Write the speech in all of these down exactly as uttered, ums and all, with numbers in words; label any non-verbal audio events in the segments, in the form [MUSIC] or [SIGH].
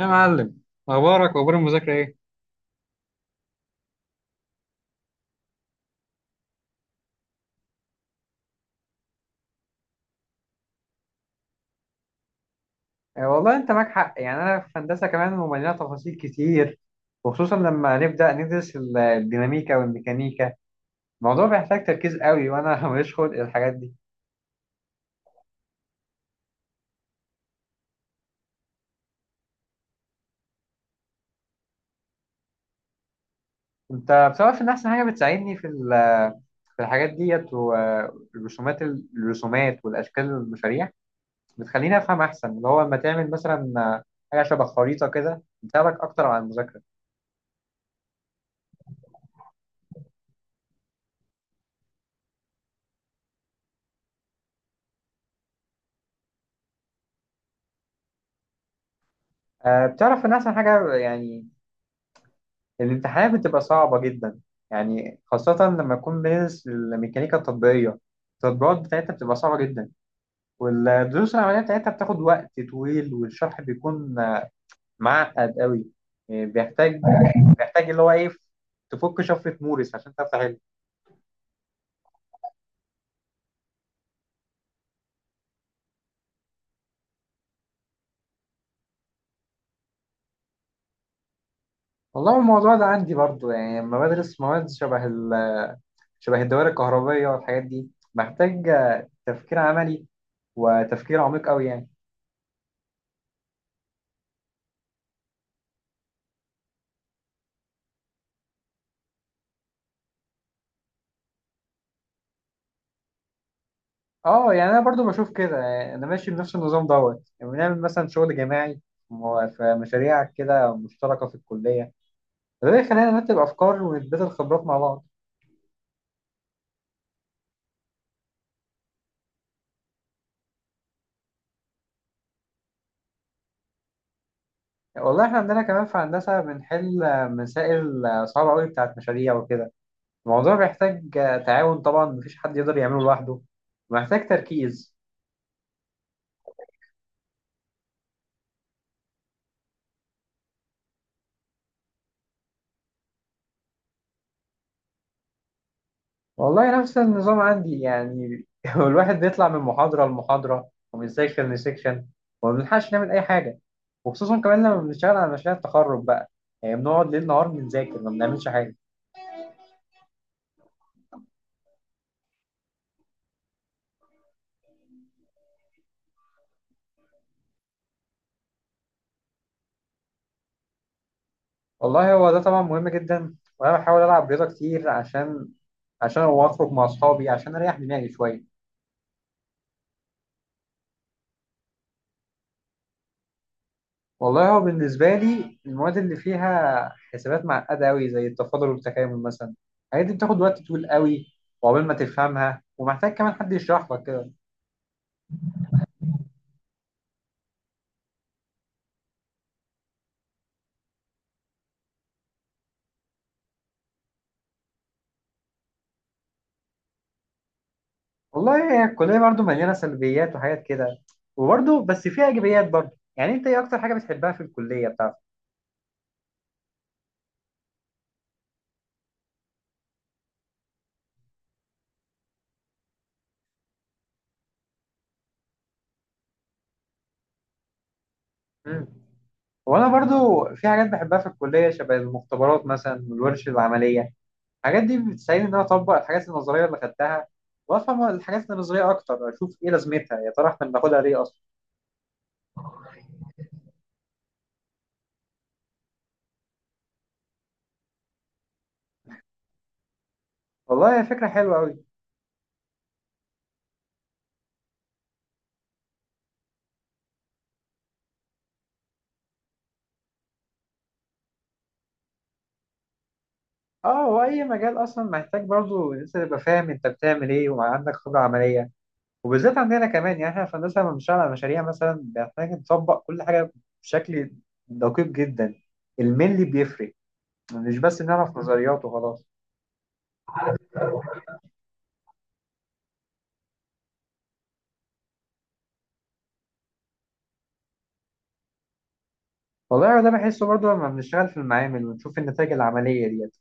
يا معلم، اخبارك واخبار المذاكره ايه؟ آه، والله انت معاك حق. يعني انا في هندسه كمان، ومليانه تفاصيل كتير، وخصوصا لما نبدا ندرس ال- الديناميكا والميكانيكا. الموضوع بيحتاج تركيز قوي وانا [LAUGHS] ماليش خلق الحاجات دي. انت بصراحه ان احسن حاجه بتساعدني في ال- في الحاجات ديت والرسومات، الرسومات والاشكال والمشاريع، بتخليني افهم احسن. اللي هو لما تعمل مثلا آه، حاجه شبه خريطه كده، بتساعدك اكتر على المذاكره. آه، بتعرف ان احسن حاجه؟ يعني الامتحانات بتبقى صعبة جدا، يعني خاصة لما يكون بندرس الميكانيكا التطبيقية. التطبيقات بتاعتها بتبقى صعبة جدا، والدروس العملية بتاعتها بتاخد وقت طويل، والشرح بيكون معقد قوي. يعني بيحتاج بيحتاج اللي هو ايه، تفك شفرة مورس عشان تعرف تحل. والله الموضوع ده عندي برضو. يعني لما بدرس مواد شبه ال... شبه الدوائر الكهربية والحاجات دي، محتاج تفكير عملي وتفكير عميق قوي يعني. اه، يعني انا برضو بشوف كده. يعني انا ماشي بنفس النظام دوت، يعني بنعمل مثلا شغل جماعي، مو- في مشاريع كده مشتركه في الكليه، فده بيخلينا نرتب افكار ونتبادل خبرات مع بعض. يعني والله احنا عندنا كمان في هندسه بنحل مسائل صعبه قوي بتاعت مشاريع وكده. الموضوع بيحتاج تعاون طبعا، مفيش حد يقدر يعمله لوحده، ومحتاج تركيز. والله نفس النظام عندي يعني [LAUGHS] هو الواحد بيطلع من محاضرة لمحاضرة ومن سيكشن لسيكشن، وما بنلحقش نعمل أي حاجة. وخصوصا كمان لما بنشتغل على مشاريع التخرج بقى، يعني بنقعد ليل نهار بنذاكر ما بنعملش حاجة. والله هو ده طبعا مهم جدا، وأنا بحاول ألعب رياضة كتير عشان عشان هو أخرج مع أصحابي عشان أريح دماغي شوية. والله هو بالنسبة لي المواد اللي فيها حسابات معقدة أوي زي التفاضل والتكامل مثلا، الحاجات دي بتاخد وقت طويل أوي وعقبال ما تفهمها، ومحتاج كمان حد يشرح لك كده. والله هي الكلية برضو مليانة سلبيات وحاجات كده، وبرضو بس فيها إيجابيات برضو. يعني أنت إيه أكتر حاجة بتحبها في الكلية بتاعتك؟ مم. وأنا برضو في حاجات بحبها في الكلية، شبه المختبرات مثلا والورش العملية. الحاجات دي بتساعدني إن أنا أطبق الحاجات النظرية اللي خدتها، وأفهم الحاجات النظرية أكتر، أشوف إيه لازمتها يا ترى، إحنا بناخدها ليه أصلا. والله هي فكرة حلوة أوي. أه، هو أي مجال أصلا محتاج برضو إن أنت تبقى فاهم أنت بتعمل إيه وعندك خبرة عملية. وبالذات عندنا كمان، يعني احنا في هندسه لما بنشتغل على مشاريع مثلا بنحتاج نطبق كل حاجه بشكل دقيق جدا، الملي بيفرق، مش بس نعرف نظريات وخلاص. والله ده بحسه برضه لما بنشتغل في المعامل ونشوف النتائج العمليه ديت.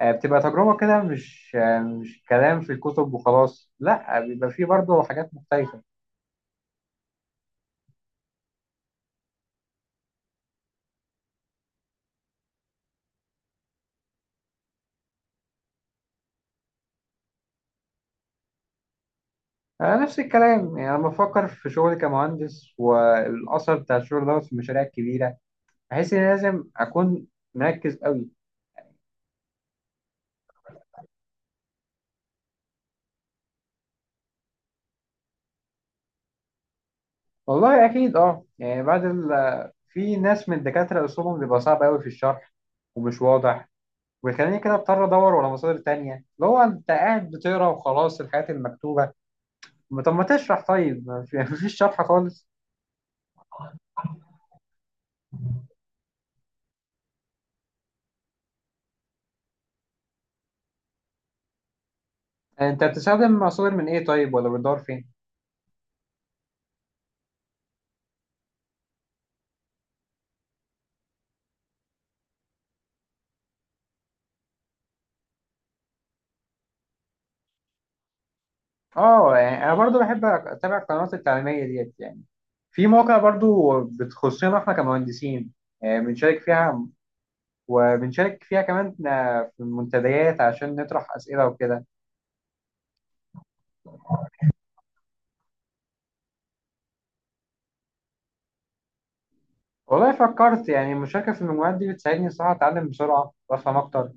آه، بتبقى تجربه كده، مش آه، مش كلام في الكتب وخلاص، لا، بيبقى فيه برضه حاجات مختلفه. آه، نفس الكلام. يعني لما بفكر في شغلي كمهندس والاثر بتاع الشغل دوت في المشاريع الكبيره، بحس ان لازم اكون مركز قوي. والله اكيد، اه. يعني بعد ال... في ناس من الدكاتره اسلوبهم بيبقى صعب قوي في الشرح ومش واضح، ويخليني كده اضطر ادور ولا مصادر تانية، اللي هو انت قاعد بتقرا وخلاص الحاجات المكتوبه. ما- طب ما تشرح، طيب ما في- [LAUGHS] مفيش شرح خالص. انت بتستخدم مصادر من ايه طيب، ولا بتدور فين؟ اه، يعني انا برضو بحب اتابع القنوات التعليميه ديت. يعني في مواقع برضو بتخصنا احنا كمهندسين، آه، بنشارك فيها، وبنشارك فيها كمان آه، في المنتديات عشان نطرح اسئله وكده. والله فكرت. يعني المشاركة في المجموعات دي بتساعدني الصراحة أتعلم بسرعة وأفهم أكتر،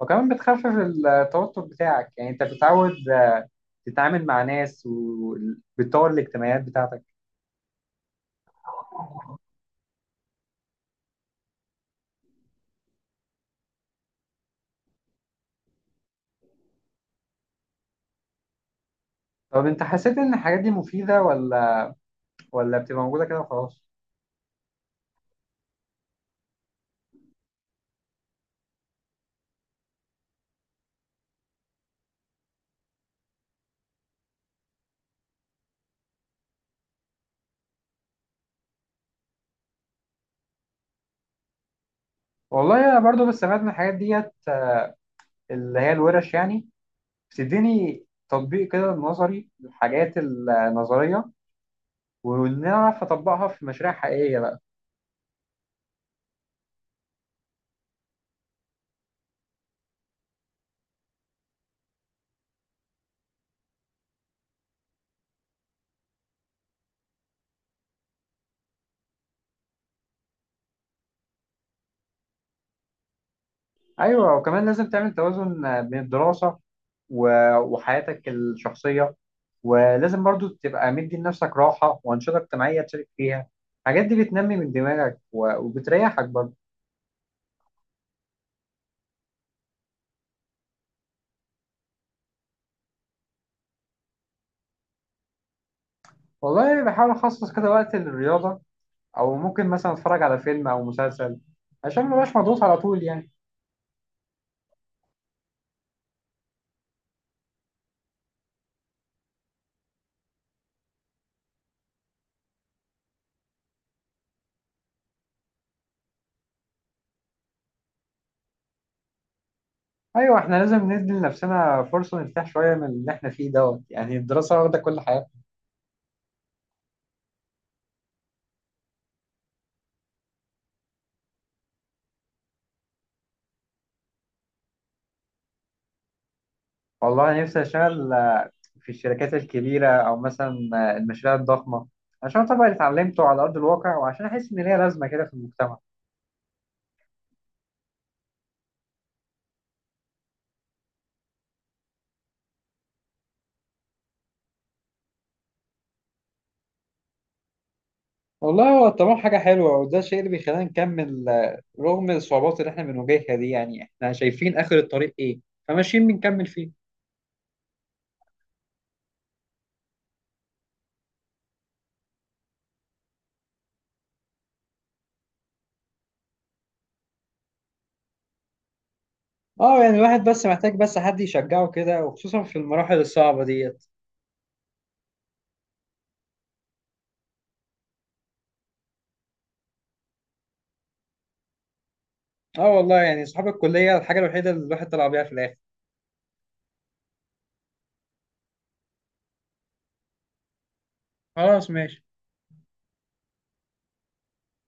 وكمان بتخفف التوتر بتاعك. يعني أنت بتتعود آه، تتعامل مع ناس، وبتطور الاجتماعيات بتاعتك. طب أنت حسيت إن الحاجات دي مفيدة، ولا ولا بتبقى موجودة كده وخلاص؟ والله أنا برضو بستفاد من الحاجات ديت، آه، اللي هي الورش يعني، بتديني تطبيق كده نظري للحاجات النظرية، وإن أنا أعرف أطبقها في مشاريع حقيقية بقى. ايوه، وكمان لازم تعمل توازن آه، بين الدراسه و- وحياتك الشخصيه، ولازم برضو تبقى مدي لنفسك راحه وانشطه اجتماعيه تشارك فيها. الحاجات دي بتنمي من دماغك و- وبتريحك برضو. والله يعني بحاول اخصص كده وقت للرياضه، او ممكن مثلا اتفرج على فيلم او مسلسل، عشان ما بقاش مضغوط على طول يعني. ايوه، احنا لازم ندي لنفسنا فرصه نرتاح شويه من اللي احنا فيه دوت، يعني الدراسه واخده كل حاجه. والله نفسي اشتغل في الشركات الكبيرة، أو مثلا المشاريع الضخمة، عشان أطبق اللي اتعلمته على أرض الواقع، وعشان أحس إن ليا لازمة كده في المجتمع. والله هو الطموح حاجة حلوة، وده الشيء اللي بيخلينا نكمل آه، رغم الصعوبات اللي احنا بنواجهها دي. يعني احنا شايفين آخر الطريق ايه، فماشيين بنكمل فيه. اه، يعني الواحد بس محتاج بس حد يشجعه كده، وخصوصا في المراحل الصعبة ديت. اه والله، يعني صحاب الكلية الحاجة الوحيدة اللي الواحد طلع بيها في الآخر. خلاص، ماشي.